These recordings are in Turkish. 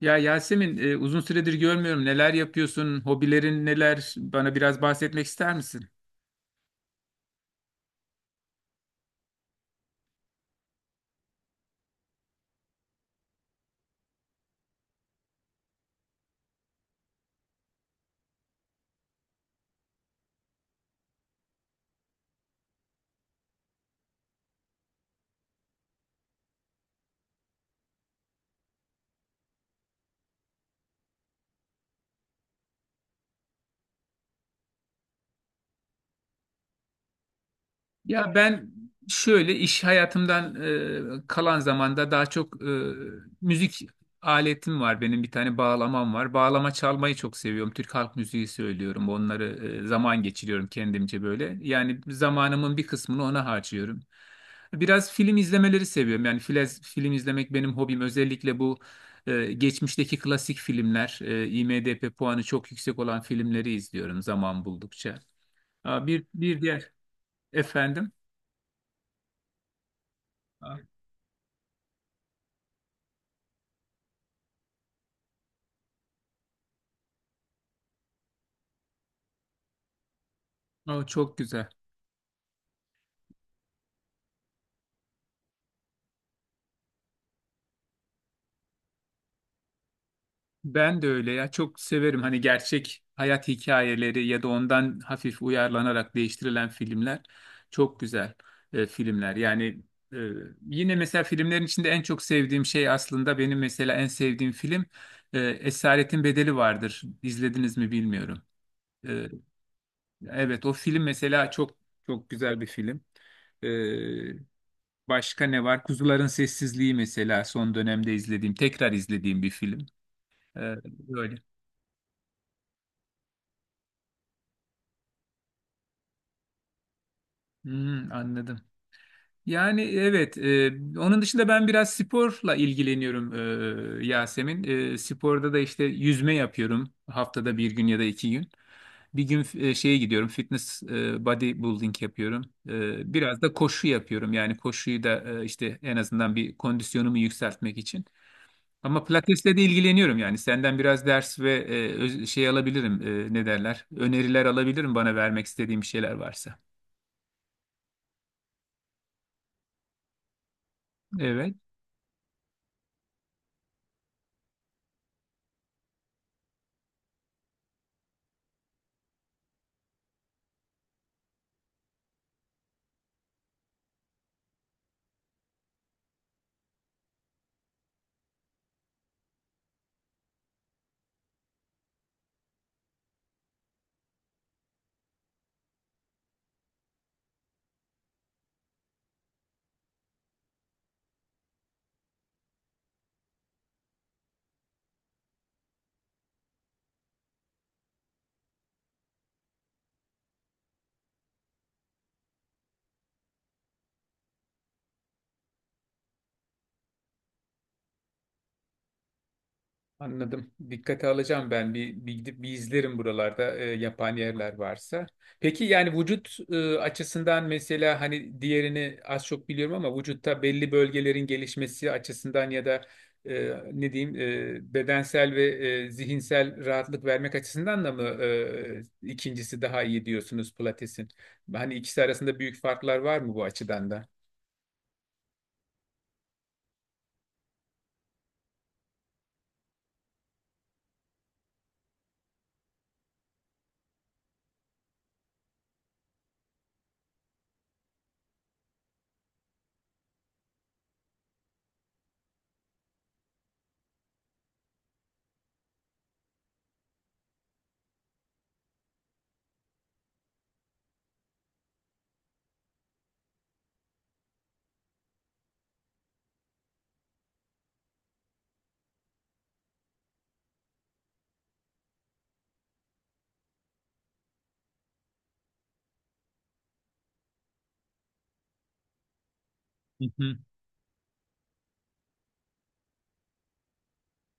Ya Yasemin, uzun süredir görmüyorum. Neler yapıyorsun? Hobilerin neler? Bana biraz bahsetmek ister misin? Ya ben şöyle iş hayatımdan kalan zamanda daha çok müzik aletim var benim bir tane bağlamam var. Bağlama çalmayı çok seviyorum. Türk halk müziği söylüyorum. Onları zaman geçiriyorum kendimce böyle. Yani zamanımın bir kısmını ona harcıyorum. Biraz film izlemeleri seviyorum. Yani film izlemek benim hobim. Özellikle bu geçmişteki klasik filmler, IMDb puanı çok yüksek olan filmleri izliyorum zaman buldukça. Aa, bir diğer efendim. O çok güzel. Ben de öyle ya, çok severim hani gerçek hayat hikayeleri ya da ondan hafif uyarlanarak değiştirilen filmler çok güzel filmler. Yani e, yine mesela filmlerin içinde en çok sevdiğim şey aslında benim mesela en sevdiğim film Esaretin Bedeli vardır. İzlediniz mi bilmiyorum. E, evet, o film mesela çok güzel bir film. E, Başka ne var? Kuzuların Sessizliği mesela son dönemde izlediğim, tekrar izlediğim bir film. Böyle. Hmm, anladım. Yani evet, onun dışında ben biraz sporla ilgileniyorum Yasemin. Sporda da işte yüzme yapıyorum haftada bir gün ya da iki gün. Bir gün şeye gidiyorum, fitness, bodybuilding yapıyorum. Biraz da koşu yapıyorum. Yani koşuyu da işte en azından bir kondisyonumu yükseltmek için. Ama pilatesle de ilgileniyorum yani. Senden biraz ders ve şey alabilirim, ne derler? Öneriler alabilirim bana vermek istediğim bir şeyler varsa. Evet. Anladım. Dikkate alacağım ben. Bir gidip bir izlerim buralarda yapan yerler varsa. Peki yani vücut açısından mesela hani diğerini az çok biliyorum, ama vücutta belli bölgelerin gelişmesi açısından ya da ne diyeyim, bedensel ve zihinsel rahatlık vermek açısından da mı ikincisi daha iyi diyorsunuz Pilates'in? Hani ikisi arasında büyük farklar var mı bu açıdan da?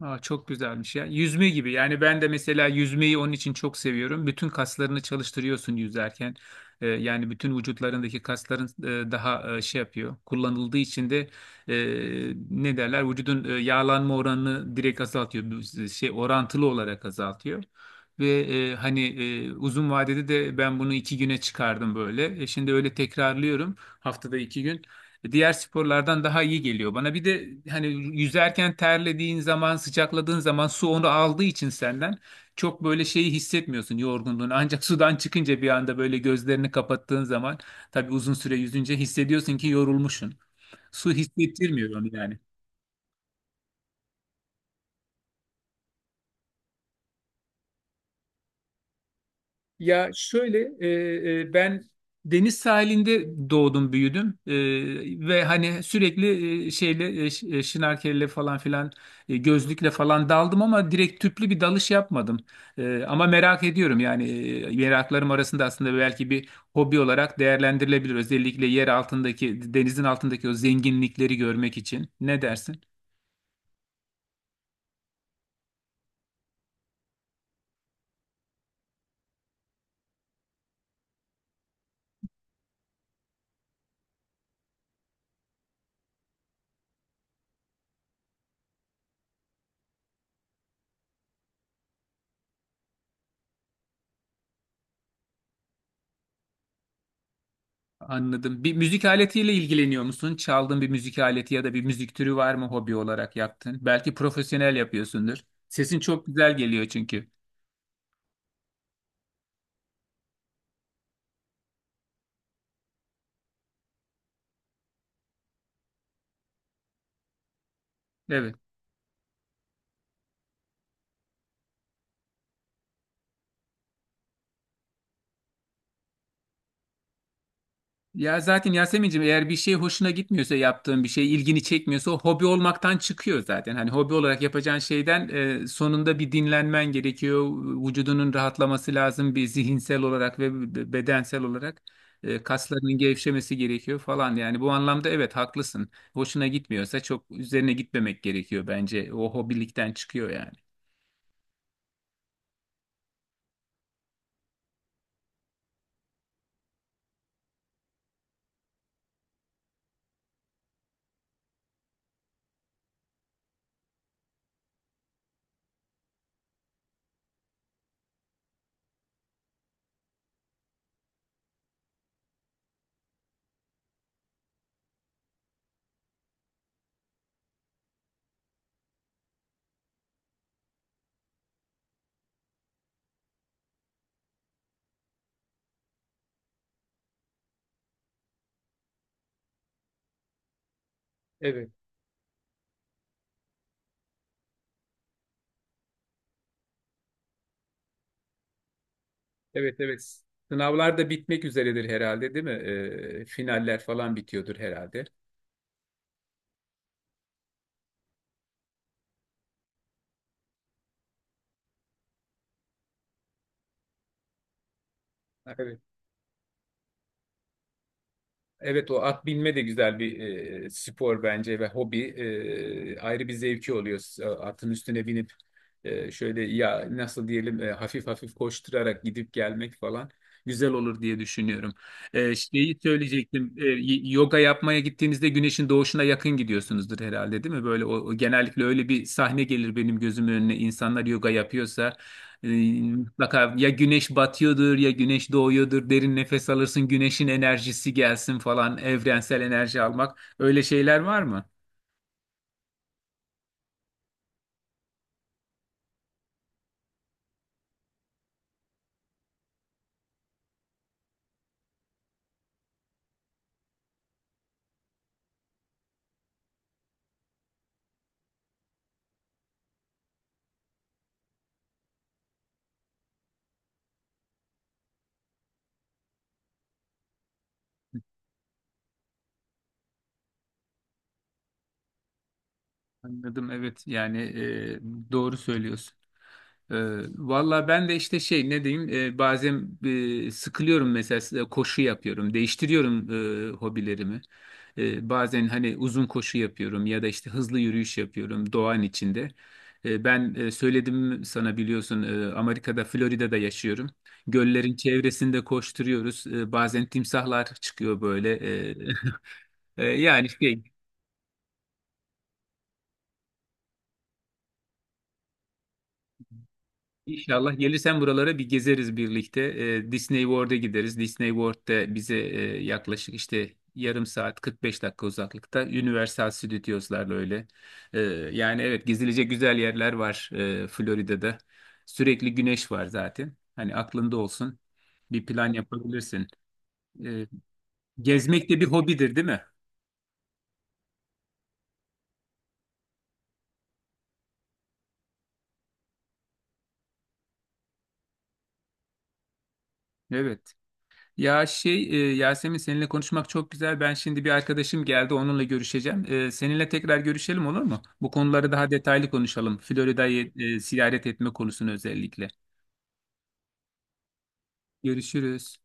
Aa, çok güzelmiş ya. Yüzme gibi. Yani ben de mesela yüzmeyi onun için çok seviyorum. Bütün kaslarını çalıştırıyorsun yüzerken. Yani bütün vücutlarındaki kasların daha şey yapıyor. Kullanıldığı için de e, ne derler? Vücudun yağlanma oranını direkt azaltıyor. Bu şey orantılı olarak azaltıyor. Ve hani uzun vadede de ben bunu iki güne çıkardım böyle. Şimdi öyle tekrarlıyorum haftada iki gün, diğer sporlardan daha iyi geliyor bana. Bir de hani yüzerken terlediğin zaman, sıcakladığın zaman su onu aldığı için senden çok böyle şeyi hissetmiyorsun, yorgunluğunu. Ancak sudan çıkınca bir anda böyle gözlerini kapattığın zaman, tabii uzun süre yüzünce hissediyorsun ki yorulmuşsun. Su hissettirmiyor onu yani. Ya şöyle, ben deniz sahilinde doğdum büyüdüm. Ve hani sürekli e, şeyle e, ş- e, şnorkelle falan filan, gözlükle falan daldım ama direkt tüplü bir dalış yapmadım. Ama merak ediyorum yani, meraklarım arasında aslında belki bir hobi olarak değerlendirilebilir, özellikle yer altındaki, denizin altındaki o zenginlikleri görmek için. Ne dersin? Anladım. Bir müzik aletiyle ilgileniyor musun? Çaldığın bir müzik aleti ya da bir müzik türü var mı, hobi olarak yaptın? Belki profesyonel yapıyorsundur. Sesin çok güzel geliyor çünkü. Evet. Ya zaten Yasemin'cim, eğer bir şey hoşuna gitmiyorsa, yaptığın bir şey ilgini çekmiyorsa, o hobi olmaktan çıkıyor zaten. Hani hobi olarak yapacağın şeyden sonunda bir dinlenmen gerekiyor. Vücudunun rahatlaması lazım, bir zihinsel olarak ve bedensel olarak kaslarının gevşemesi gerekiyor falan. Yani bu anlamda evet, haklısın. Hoşuna gitmiyorsa çok üzerine gitmemek gerekiyor bence. O hobilikten çıkıyor yani. Evet, evet, evet. Sınavlar da bitmek üzeredir herhalde, değil mi? Finaller falan bitiyordur herhalde. Evet. Evet, o at binme de güzel bir spor bence ve hobi. Ayrı bir zevki oluyor, atın üstüne binip şöyle ya nasıl diyelim, hafif hafif koşturarak gidip gelmek falan, güzel olur diye düşünüyorum. Şeyi söyleyecektim. Yoga yapmaya gittiğinizde güneşin doğuşuna yakın gidiyorsunuzdur herhalde, değil mi? Böyle o genellikle öyle bir sahne gelir benim gözümün önüne, insanlar yoga yapıyorsa. ee, Mutlaka ya güneş batıyordur ya güneş doğuyordur. Derin nefes alırsın, güneşin enerjisi gelsin falan. Evrensel enerji almak. Öyle şeyler var mı? Anladım, evet, yani doğru söylüyorsun. Ee, Valla ben de işte şey, ne diyeyim, bazen sıkılıyorum mesela, koşu yapıyorum, değiştiriyorum hobilerimi. Bazen hani uzun koşu yapıyorum ya da işte hızlı yürüyüş yapıyorum doğanın içinde. Söyledim sana biliyorsun, Amerika'da, Florida'da yaşıyorum, göllerin çevresinde koşturuyoruz. Bazen timsahlar çıkıyor böyle. E, E, yani şey İnşallah gelirsen buralara bir gezeriz birlikte. Disney World'a gideriz. Disney World'da bize yaklaşık işte yarım saat, 45 dakika uzaklıkta Universal Studios'larla öyle. Ee, yani evet, gezilecek güzel yerler var Florida'da. Sürekli güneş var zaten. Hani aklında olsun. Bir plan yapabilirsin. Ee, gezmek de bir hobidir, değil mi? Evet. Ya, Yasemin, seninle konuşmak çok güzel. Ben şimdi bir arkadaşım geldi, onunla görüşeceğim. Seninle tekrar görüşelim, olur mu? Bu konuları daha detaylı konuşalım. Florida'yı ziyaret etme konusunu özellikle. Görüşürüz.